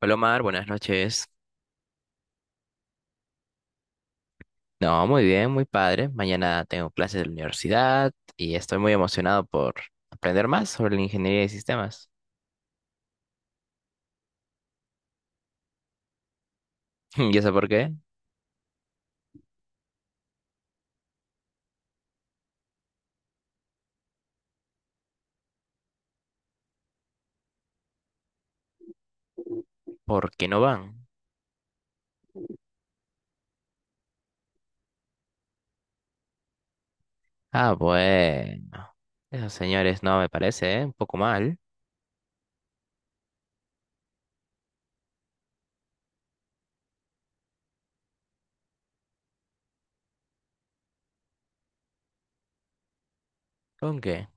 Hola Omar, buenas noches. No, muy bien, muy padre. Mañana tengo clases de la universidad y estoy muy emocionado por aprender más sobre la ingeniería de sistemas. ¿Y eso por qué? ¿Por qué no van? Ah, bueno. Esos señores no me parece, ¿eh? Un poco mal. ¿Con qué?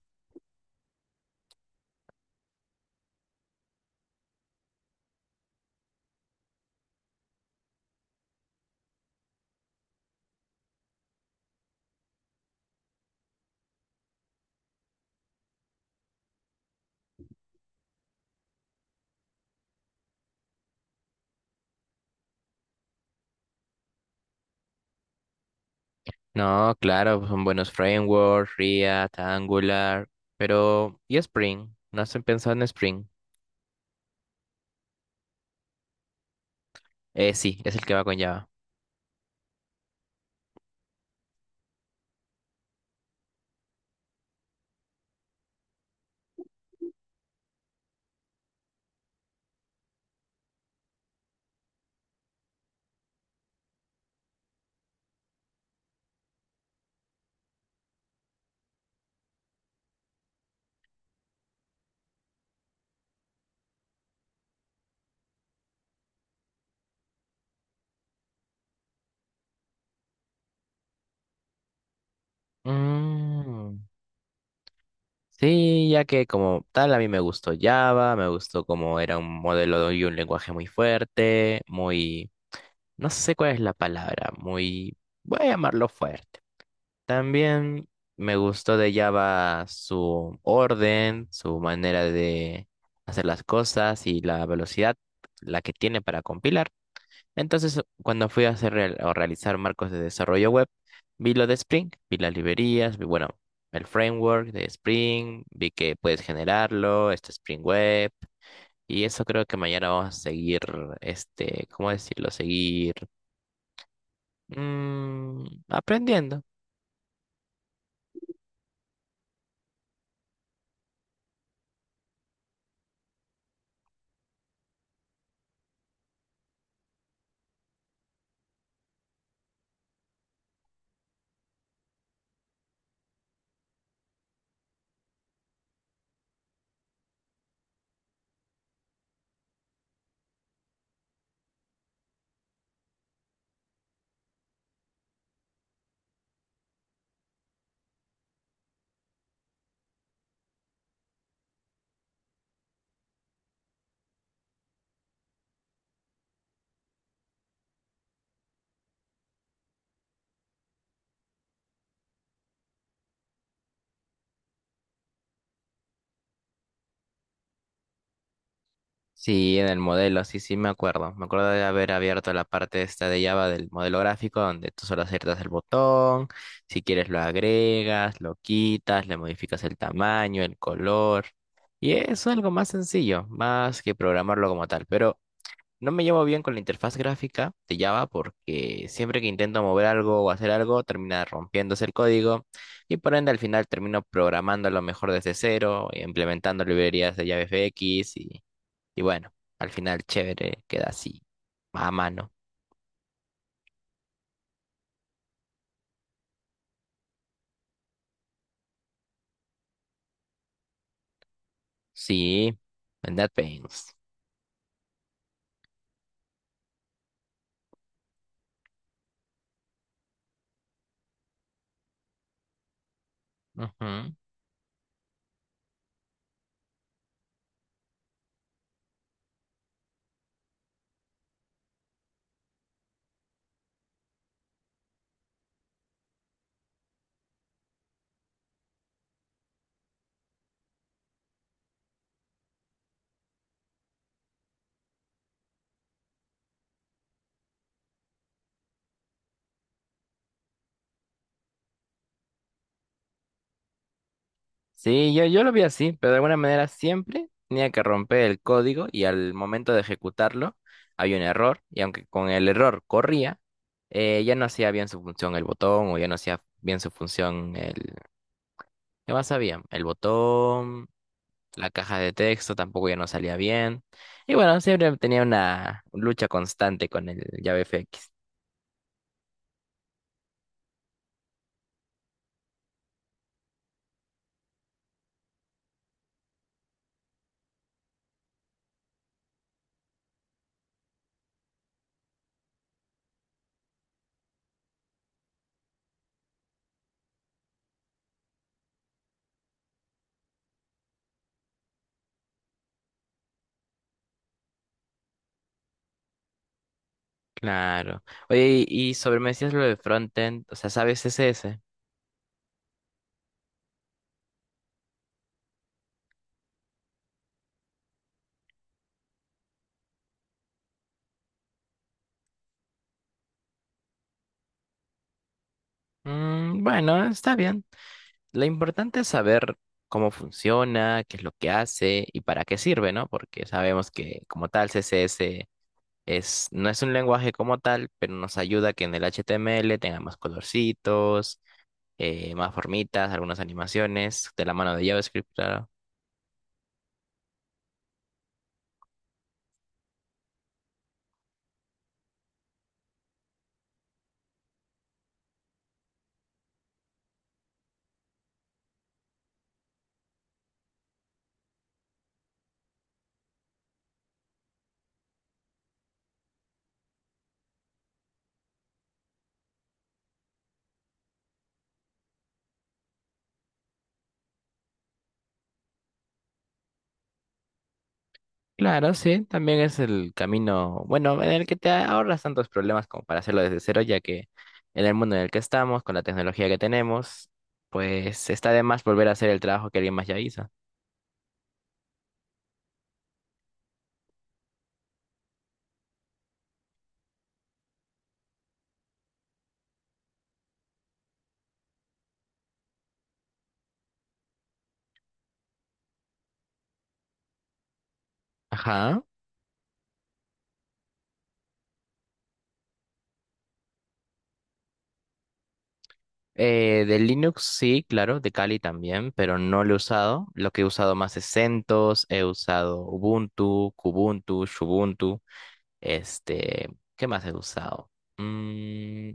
No, claro, pues, son buenos frameworks, React, Angular, pero ¿y Spring? ¿No se pensado en Spring? Sí, es el que va con Java. Mm, sí, ya que como tal a mí me gustó Java, me gustó como era un modelo y un lenguaje muy fuerte, muy, no sé cuál es la palabra, muy, voy a llamarlo fuerte. También me gustó de Java su orden, su manera de hacer las cosas y la velocidad, la que tiene para compilar. Entonces, cuando fui a hacer real- o realizar marcos de desarrollo web, vi lo de Spring, vi las librerías, vi, bueno, el framework de Spring, vi que puedes generarlo, este Spring Web, y eso creo que mañana vamos a seguir, ¿cómo decirlo? Seguir aprendiendo. Sí, en el modelo, sí, sí, me acuerdo. Me acuerdo de haber abierto la parte esta de Java del modelo gráfico, donde tú solo aciertas el botón, si quieres lo agregas, lo quitas, le modificas el tamaño, el color. Y es algo más sencillo, más que programarlo como tal. Pero no me llevo bien con la interfaz gráfica de Java porque siempre que intento mover algo o hacer algo, termina rompiéndose el código y por ende al final termino programándolo mejor desde cero, implementando librerías de JavaFX y bueno, al final chévere, queda así, más a mano. Sí, en That Pains. Ujú. Sí, yo lo vi así, pero de alguna manera siempre tenía que romper el código y al momento de ejecutarlo había un error y aunque con el error corría, ya no hacía bien su función el botón o ya no hacía bien su función el... ¿Qué más sabía el botón, la caja de texto tampoco ya no salía bien. Y bueno, siempre tenía una lucha constante con el JavaFX. Claro. Oye, y sobre me decías lo de frontend, o sea, ¿sabes CSS? Mm, bueno, está bien. Lo importante es saber cómo funciona, qué es lo que hace y para qué sirve, ¿no? Porque sabemos que como tal CSS es, no es un lenguaje como tal, pero nos ayuda a que en el HTML tenga más colorcitos, más formitas, algunas animaciones, de la mano de JavaScript, claro. Claro, sí, también es el camino, bueno, en el que te ahorras tantos problemas como para hacerlo desde cero, ya que en el mundo en el que estamos, con la tecnología que tenemos, pues está de más volver a hacer el trabajo que alguien más ya hizo. Ajá. De Linux sí, claro, de Kali también, pero no lo he usado. Lo que he usado más es CentOS, he usado Ubuntu, Kubuntu, Shubuntu. Este, ¿Qué más he usado? Mm,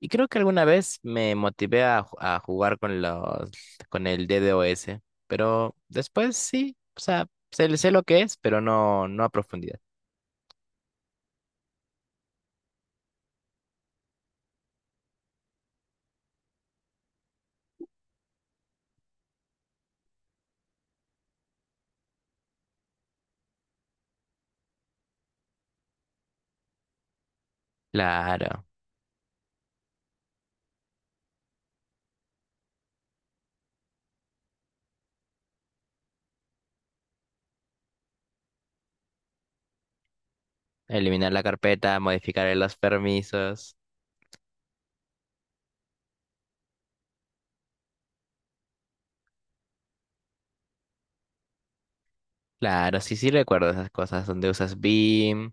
Y creo que alguna vez me motivé a jugar con con el DDoS, pero después sí, o sea, sé, sé lo que es, pero no, no a profundidad. Claro, eliminar la carpeta, modificar los permisos. Claro, sí, sí recuerdo esas cosas donde usas BIM,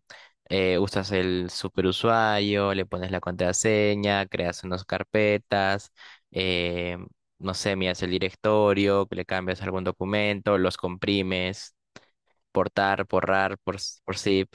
usas el superusuario, le pones la contraseña, creas unas carpetas, eh, no sé, miras el directorio, le cambias algún documento, los comprimes. portar, porrar, por, por zip.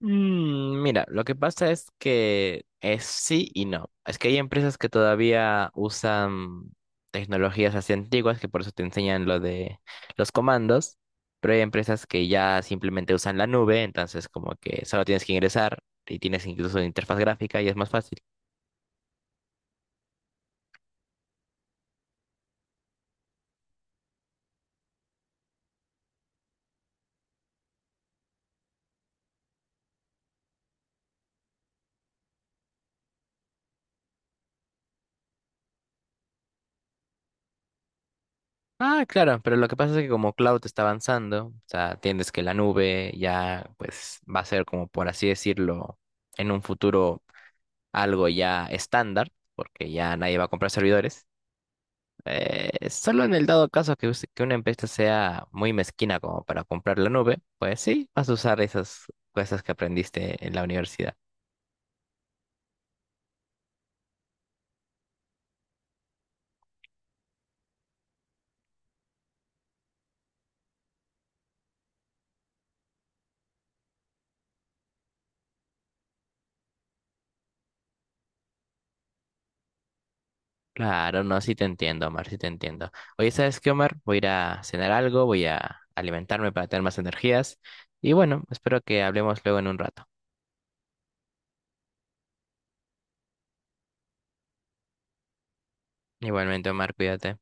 Mira, lo que pasa es que es sí y no. Es que hay empresas que todavía usan tecnologías así antiguas que por eso te enseñan lo de los comandos, pero hay empresas que ya simplemente usan la nube, entonces como que solo tienes que ingresar y tienes incluso interfaz gráfica y es más fácil. Ah, claro, pero lo que pasa es que como cloud está avanzando, o sea, entiendes que la nube ya pues va a ser como por así decirlo en un futuro algo ya estándar, porque ya nadie va a comprar servidores. Solo en el dado caso que, que una empresa sea muy mezquina como para comprar la nube, pues sí, vas a usar esas cosas que aprendiste en la universidad. Claro, no, sí te entiendo, Omar, sí te entiendo. Oye, ¿sabes qué, Omar? Voy a ir a cenar algo, voy a alimentarme para tener más energías. Y bueno, espero que hablemos luego en un rato. Igualmente, Omar, cuídate.